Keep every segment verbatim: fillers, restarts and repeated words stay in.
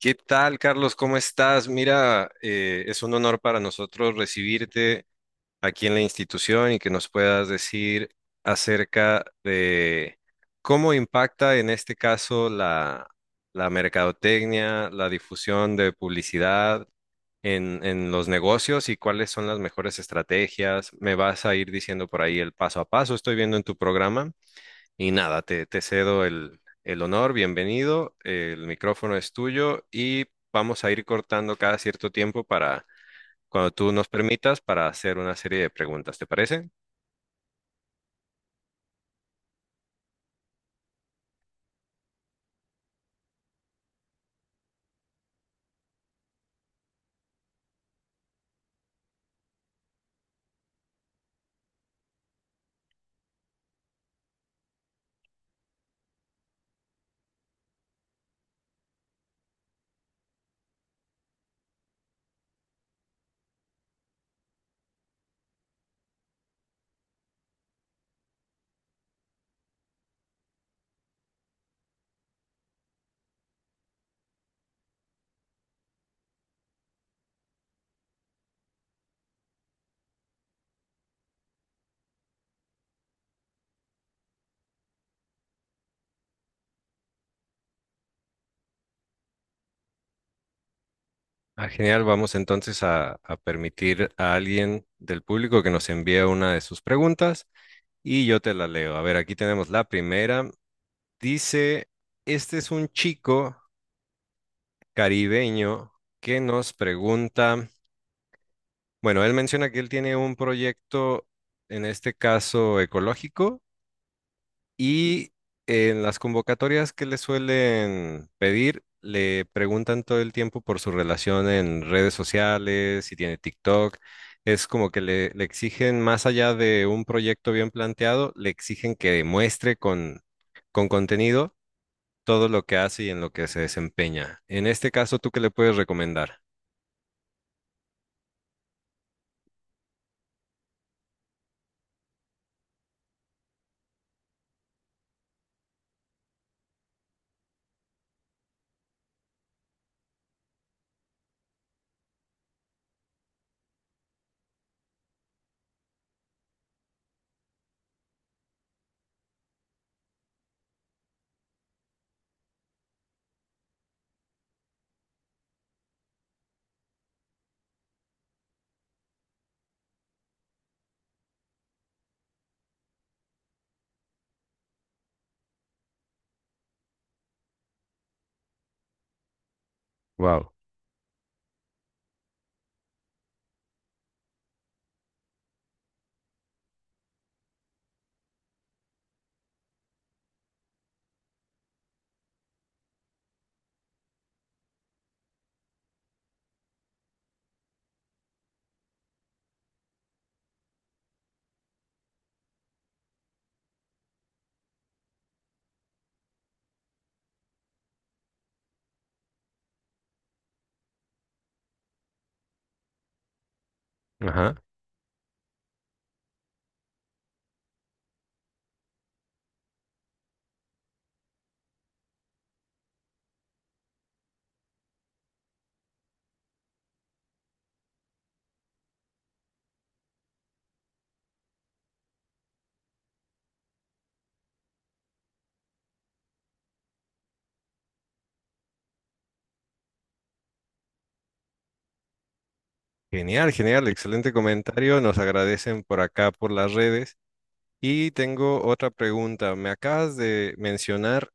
¿Qué tal, Carlos? ¿Cómo estás? Mira, eh, es un honor para nosotros recibirte aquí en la institución y que nos puedas decir acerca de cómo impacta en este caso la, la mercadotecnia, la difusión de publicidad en, en los negocios y cuáles son las mejores estrategias. Me vas a ir diciendo por ahí el paso a paso, estoy viendo en tu programa. Y nada, te, te cedo el, el honor, bienvenido, el micrófono es tuyo y vamos a ir cortando cada cierto tiempo para, cuando tú nos permitas, para hacer una serie de preguntas, ¿te parece? Ah, genial, vamos entonces a, a permitir a alguien del público que nos envíe una de sus preguntas y yo te la leo. A ver, aquí tenemos la primera. Dice, este es un chico caribeño que nos pregunta... Bueno, él menciona que él tiene un proyecto, en este caso ecológico, y en las convocatorias que le suelen pedir, le preguntan todo el tiempo por su relación en redes sociales, si tiene TikTok. Es como que le, le exigen, más allá de un proyecto bien planteado, le exigen que demuestre con, con contenido todo lo que hace y en lo que se desempeña. En este caso, ¿tú qué le puedes recomendar? Wow. Ajá. Genial, genial, excelente comentario. Nos agradecen por acá por las redes. Y tengo otra pregunta. Me acabas de mencionar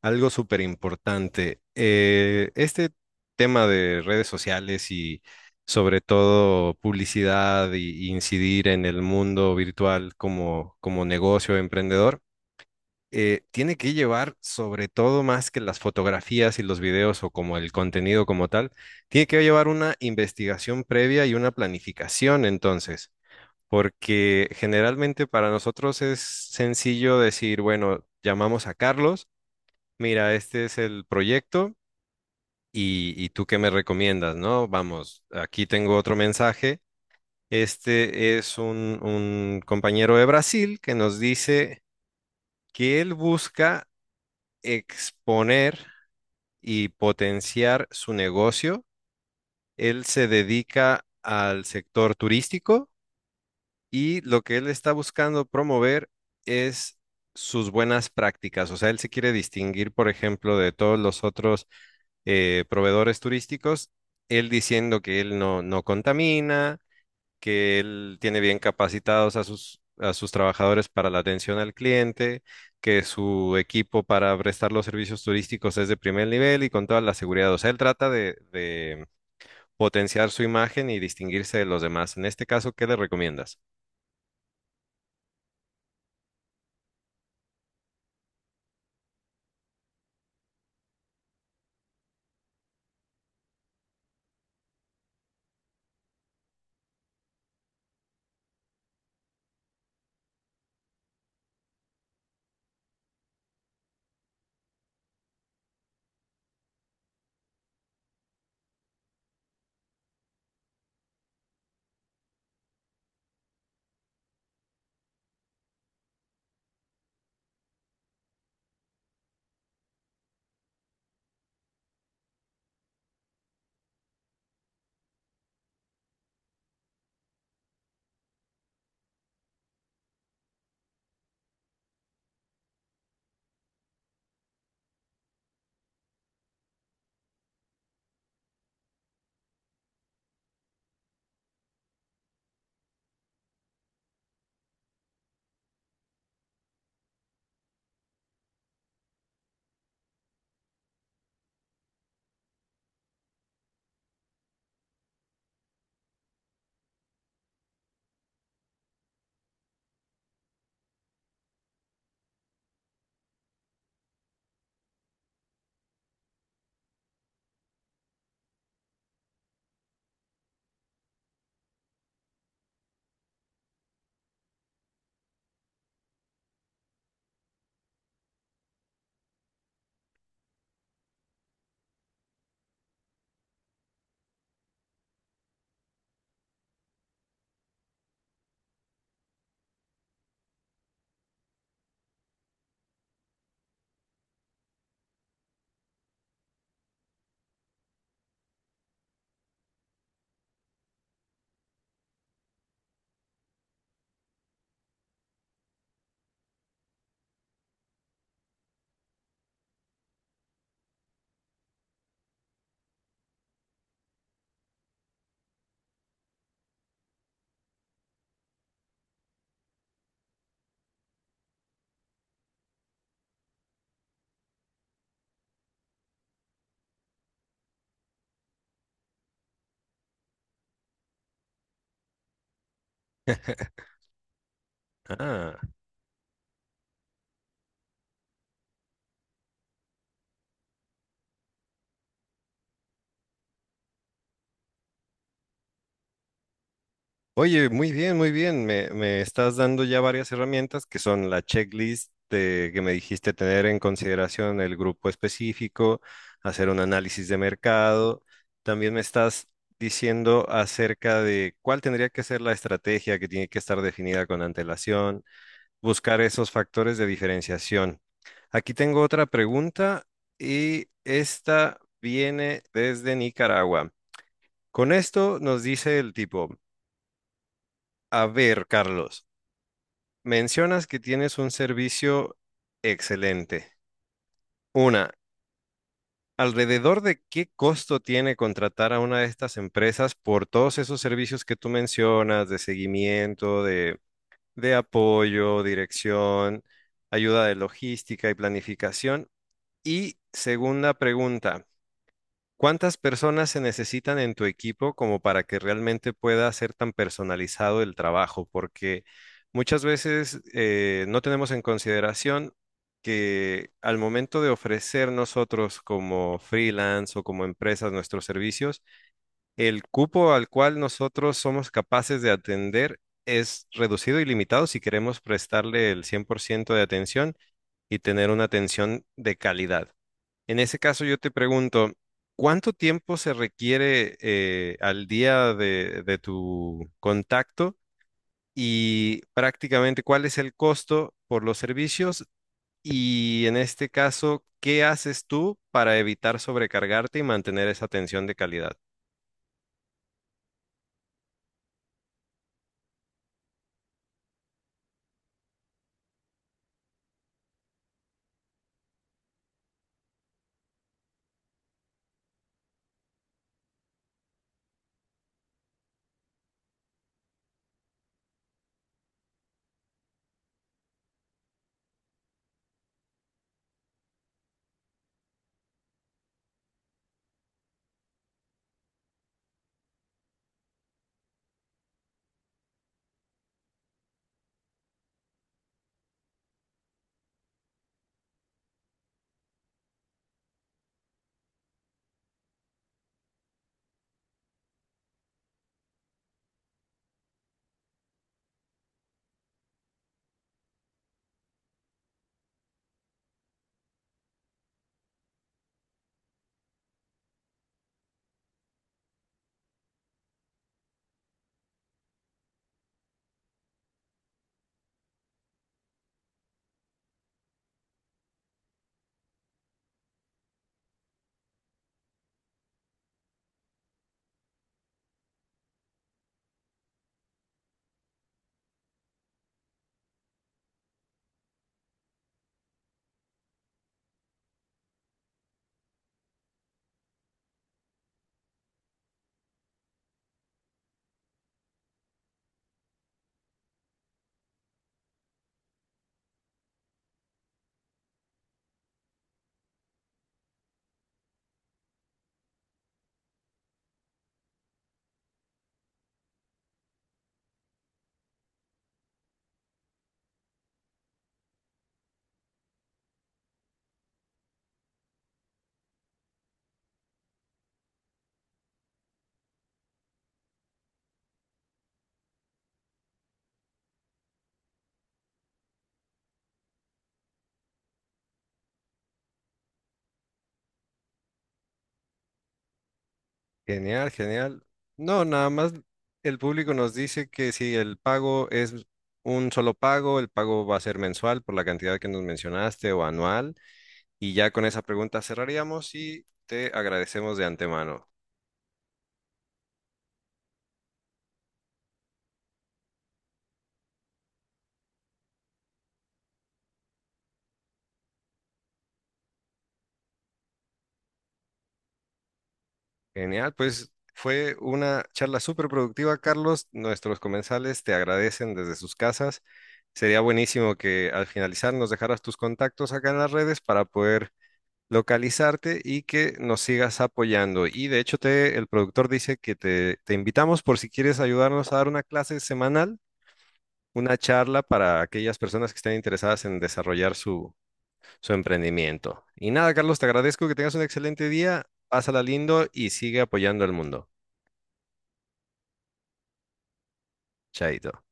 algo súper importante. Eh, este tema de redes sociales y sobre todo publicidad y, y incidir en el mundo virtual como, como negocio emprendedor eh, tiene que llevar, sobre todo más que las fotografías y los videos o como el contenido como tal, tiene que llevar una investigación previa y una planificación entonces, porque generalmente para nosotros es sencillo decir, bueno, llamamos a Carlos, mira, este es el proyecto y, y tú qué me recomiendas, ¿no? Vamos, aquí tengo otro mensaje. Este es un, un compañero de Brasil que nos dice que él busca exponer y potenciar su negocio. Él se dedica al sector turístico y lo que él está buscando promover es sus buenas prácticas. O sea, él se quiere distinguir, por ejemplo, de todos los otros eh, proveedores turísticos, él diciendo que él no, no contamina, que él tiene bien capacitados a sus, a sus trabajadores para la atención al cliente, que su equipo para prestar los servicios turísticos es de primer nivel y con toda la seguridad. O sea, él trata de, de potenciar su imagen y distinguirse de los demás. En este caso, ¿qué le recomiendas? Ah. Oye, muy bien, muy bien. Me, me estás dando ya varias herramientas que son la checklist de- que me dijiste tener en consideración el grupo específico, hacer un análisis de mercado. También me estás diciendo acerca de cuál tendría que ser la estrategia que tiene que estar definida con antelación, buscar esos factores de diferenciación. Aquí tengo otra pregunta y esta viene desde Nicaragua. Con esto nos dice el tipo, a ver, Carlos. Mencionas que tienes un servicio excelente. Una, ¿alrededor de qué costo tiene contratar a una de estas empresas por todos esos servicios que tú mencionas de seguimiento, de, de apoyo, dirección, ayuda de logística y planificación? Y segunda pregunta. ¿Cuántas personas se necesitan en tu equipo como para que realmente pueda ser tan personalizado el trabajo? Porque muchas veces eh, no tenemos en consideración que al momento de ofrecer nosotros como freelance o como empresas nuestros servicios, el cupo al cual nosotros somos capaces de atender es reducido y limitado si queremos prestarle el cien por ciento de atención y tener una atención de calidad. En ese caso yo te pregunto, ¿cuánto tiempo se requiere eh, al día de, de tu contacto y prácticamente cuál es el costo por los servicios? Y en este caso, ¿qué haces tú para evitar sobrecargarte y mantener esa atención de calidad? Genial, genial. No, nada más el público nos dice que si el pago es un solo pago, el pago va a ser mensual por la cantidad que nos mencionaste o anual. Y ya con esa pregunta cerraríamos y te agradecemos de antemano. Genial, pues fue una charla súper productiva, Carlos. Nuestros comensales te agradecen desde sus casas. Sería buenísimo que al finalizar nos dejaras tus contactos acá en las redes para poder localizarte y que nos sigas apoyando. Y de hecho, te, el productor dice que te, te invitamos por si quieres ayudarnos a dar una clase semanal, una charla para aquellas personas que estén interesadas en desarrollar su su emprendimiento. Y nada, Carlos, te agradezco que tengas un excelente día, pásala lindo y sigue apoyando al mundo. Chaito.